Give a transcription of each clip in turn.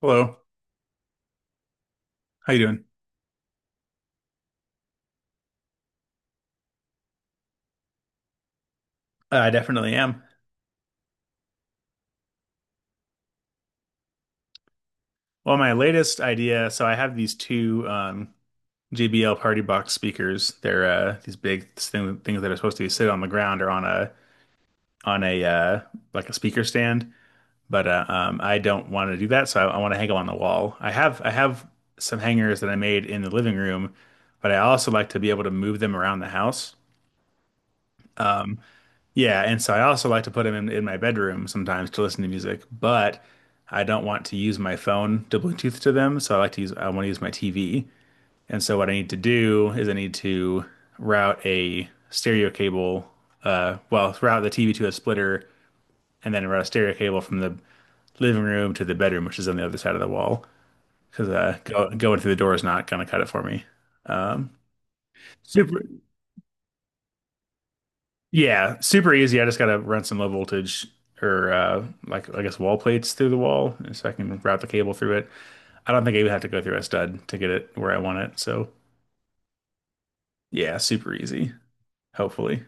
Hello, how you doing? I definitely am. Well, my latest idea, so I have these two JBL Party Box speakers. They're these things that are supposed to sit on the ground or on a on a like a speaker stand. But I don't want to do that, so I want to hang them on the wall. I have some hangers that I made in the living room, but I also like to be able to move them around the house. Yeah, and so I also like to put them in my bedroom sometimes to listen to music, but I don't want to use my phone to Bluetooth to them, so I want to use my TV. And so what I need to do is I need to route a stereo cable, well, route the TV to a splitter and then route a stereo cable from the living room to the bedroom, which is on the other side of the wall, because going through the door is not going to cut it for me. Um, super. Yeah, super easy. I just gotta run some low voltage or like I guess wall plates through the wall so I can route the cable through it. I don't think I would have to go through a stud to get it where I want it. So yeah, super easy, hopefully.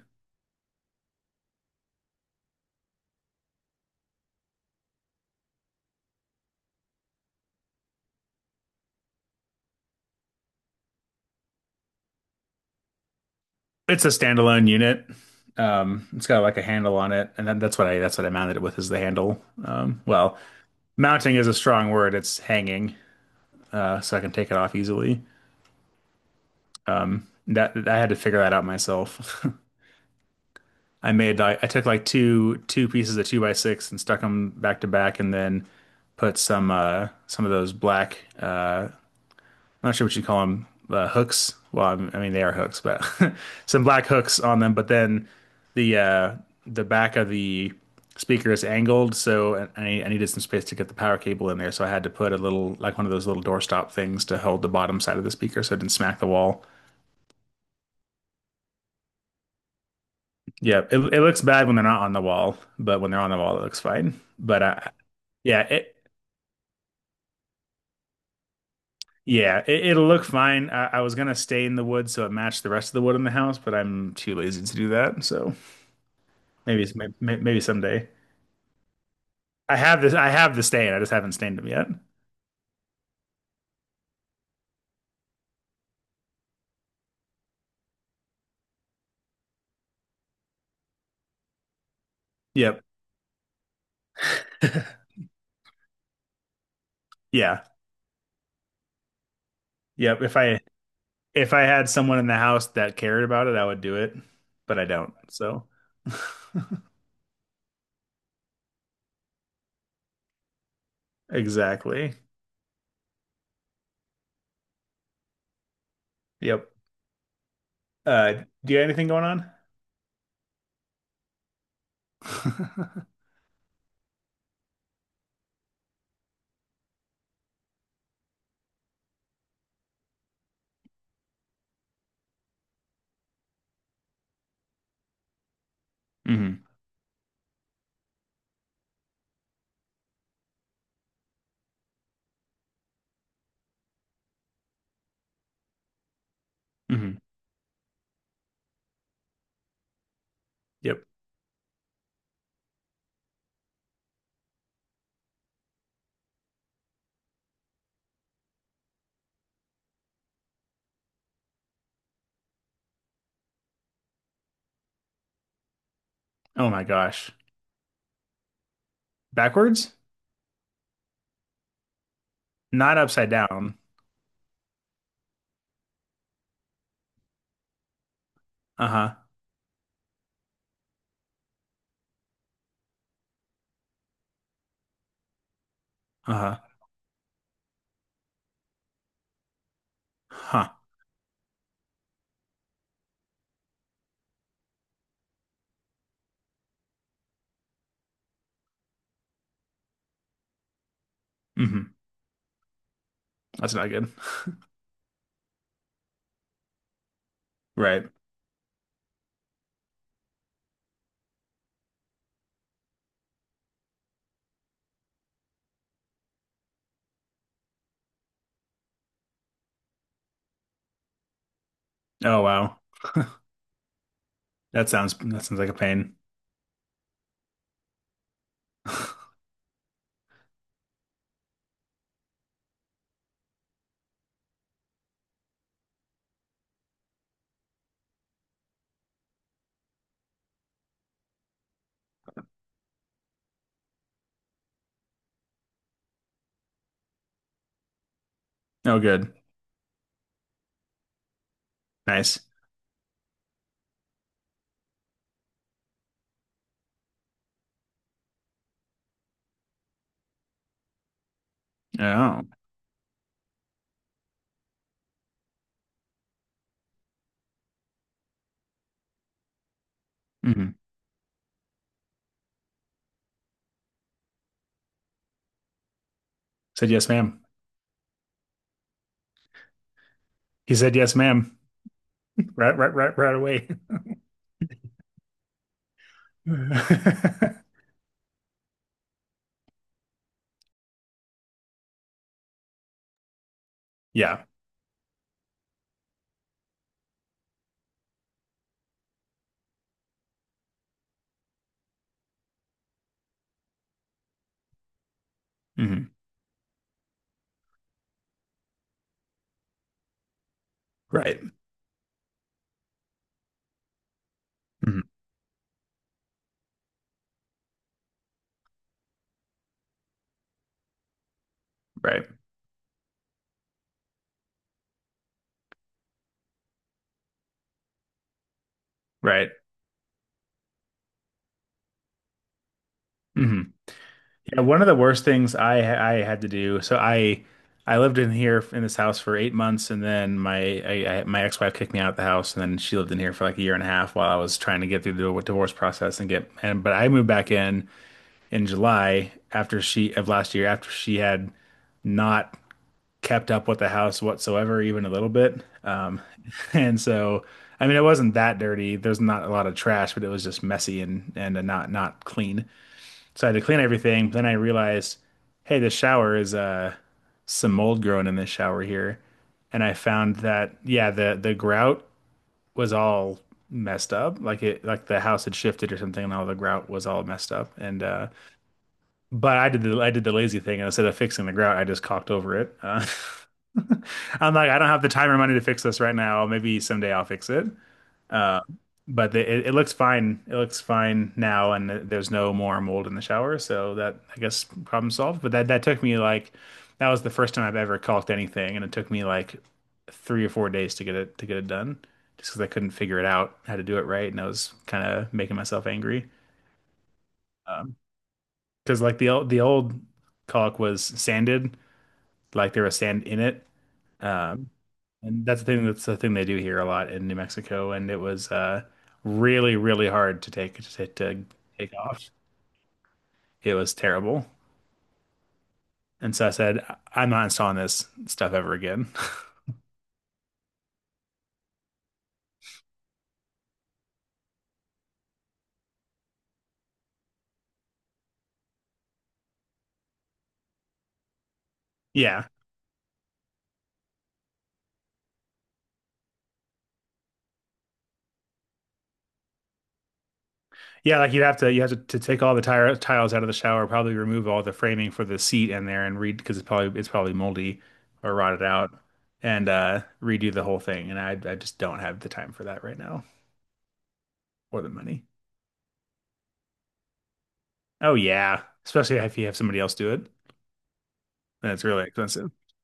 It's a standalone unit. It's got like a handle on it, and that's what I mounted it with is the handle. Well, mounting is a strong word, it's hanging, so I can take it off easily. That I had to figure that out myself. I made like I took like two pieces of two by six and stuck them back to back, and then put some of those black I'm not sure what you call them hooks. Well, I mean they are hooks, but some black hooks on them. But then the the back of the speaker is angled, so I needed some space to get the power cable in there, so I had to put a little like one of those little doorstop things to hold the bottom side of the speaker so it didn't smack the wall. Yeah, it looks bad when they're not on the wall, but when they're on the wall, it looks fine. But yeah, it, Yeah, it'll look fine. I was gonna stay in the wood so it matched the rest of the wood in the house, but I'm too lazy to do that. So maybe it's- may- maybe someday. I have this. I have the stain. I just haven't stained them yet. Yep. Yeah. Yep. If I had someone in the house that cared about it, I would do it, but I don't. So exactly. Yep. Uh, do you have anything going on? hmm hmm Yep. Oh my gosh. Backwards? Not upside down. Uh-huh. Uh-huh. Huh. Hmm. That's not good. Right. Oh wow. That sounds like a pain. Oh good. Nice. Oh. Hmm. Said yes, ma'am. He said yes, ma'am. Right, right, right, right away. Yeah. Hmm. Right. Hmm. Right. Right. Hmm. Yeah, one of the worst things I had to do. So I lived in here in this house for eight months, and then my ex-wife kicked me out of the house, and then she lived in here for like a year and a half while I was trying to get through the divorce process and but I moved back in July after she of last year after she had not kept up with the house whatsoever, even a little bit, and so. I mean, it wasn't that dirty. There's not a lot of trash, but it was just messy and not clean. So I had to clean everything. But then I realized, hey, the shower is some mold growing in this shower here. And I found that yeah, the grout was all messed up. Like the house had shifted or something and all the grout was all messed up. And but I did the lazy thing and instead of fixing the grout, I just caulked over it. I'm like, I don't have the time or money to fix this right now. Maybe someday I'll fix it. Uh, but it looks fine. It looks fine now, and there's no more mold in the shower, so that I guess problem solved. But that took me like that was the first time I've ever caulked anything, and it took me like 3 or 4 days to get it done, just because I couldn't figure it out how to do it right, and I was kind of making myself angry. Um 'Cause because like the old caulk was sanded, like they were sand in it. Um, and that's the thing they do here a lot in New Mexico, and it was really, really hard to take off. It was terrible. And so I said, "I- am not installing this stuff ever again. Yeah. Yeah, like you have to take all the tire tiles out of the shower, probably remove all the framing for the seat in there and read because it's probably moldy or rotted out and redo the whole thing. And I just don't have the time for that right now or the money. Oh yeah, especially if you have somebody else do it. That's really expensive.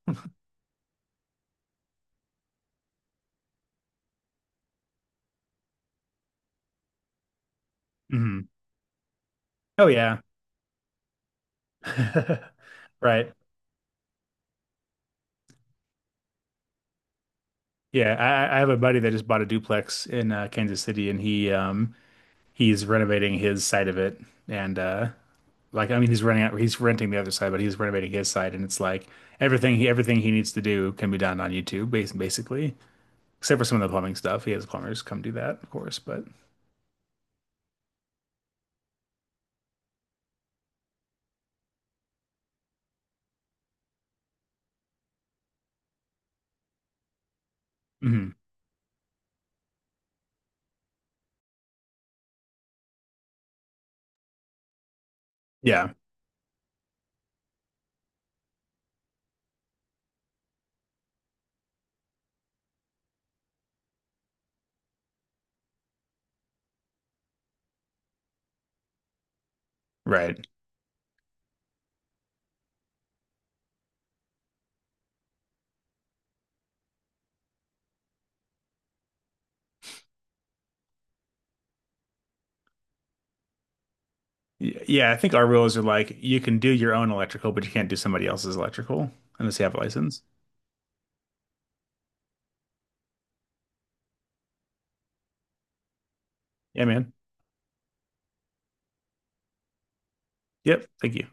Mhm. Oh yeah. Right. Yeah, I have a buddy that just bought a duplex in Kansas City, and he he's renovating his side of it, and like I mean he's running out he's renting the other side, but he's renovating his side, and it's like everything he needs to do can be done on YouTube, basically, except for some of the plumbing stuff. He has plumbers come do that, of course, but Mhm. Yeah, right. Yeah, I think our rules are like you can do your own electrical, but you can't do somebody else's electrical unless you have a license. Yeah, man. Yep. Thank you.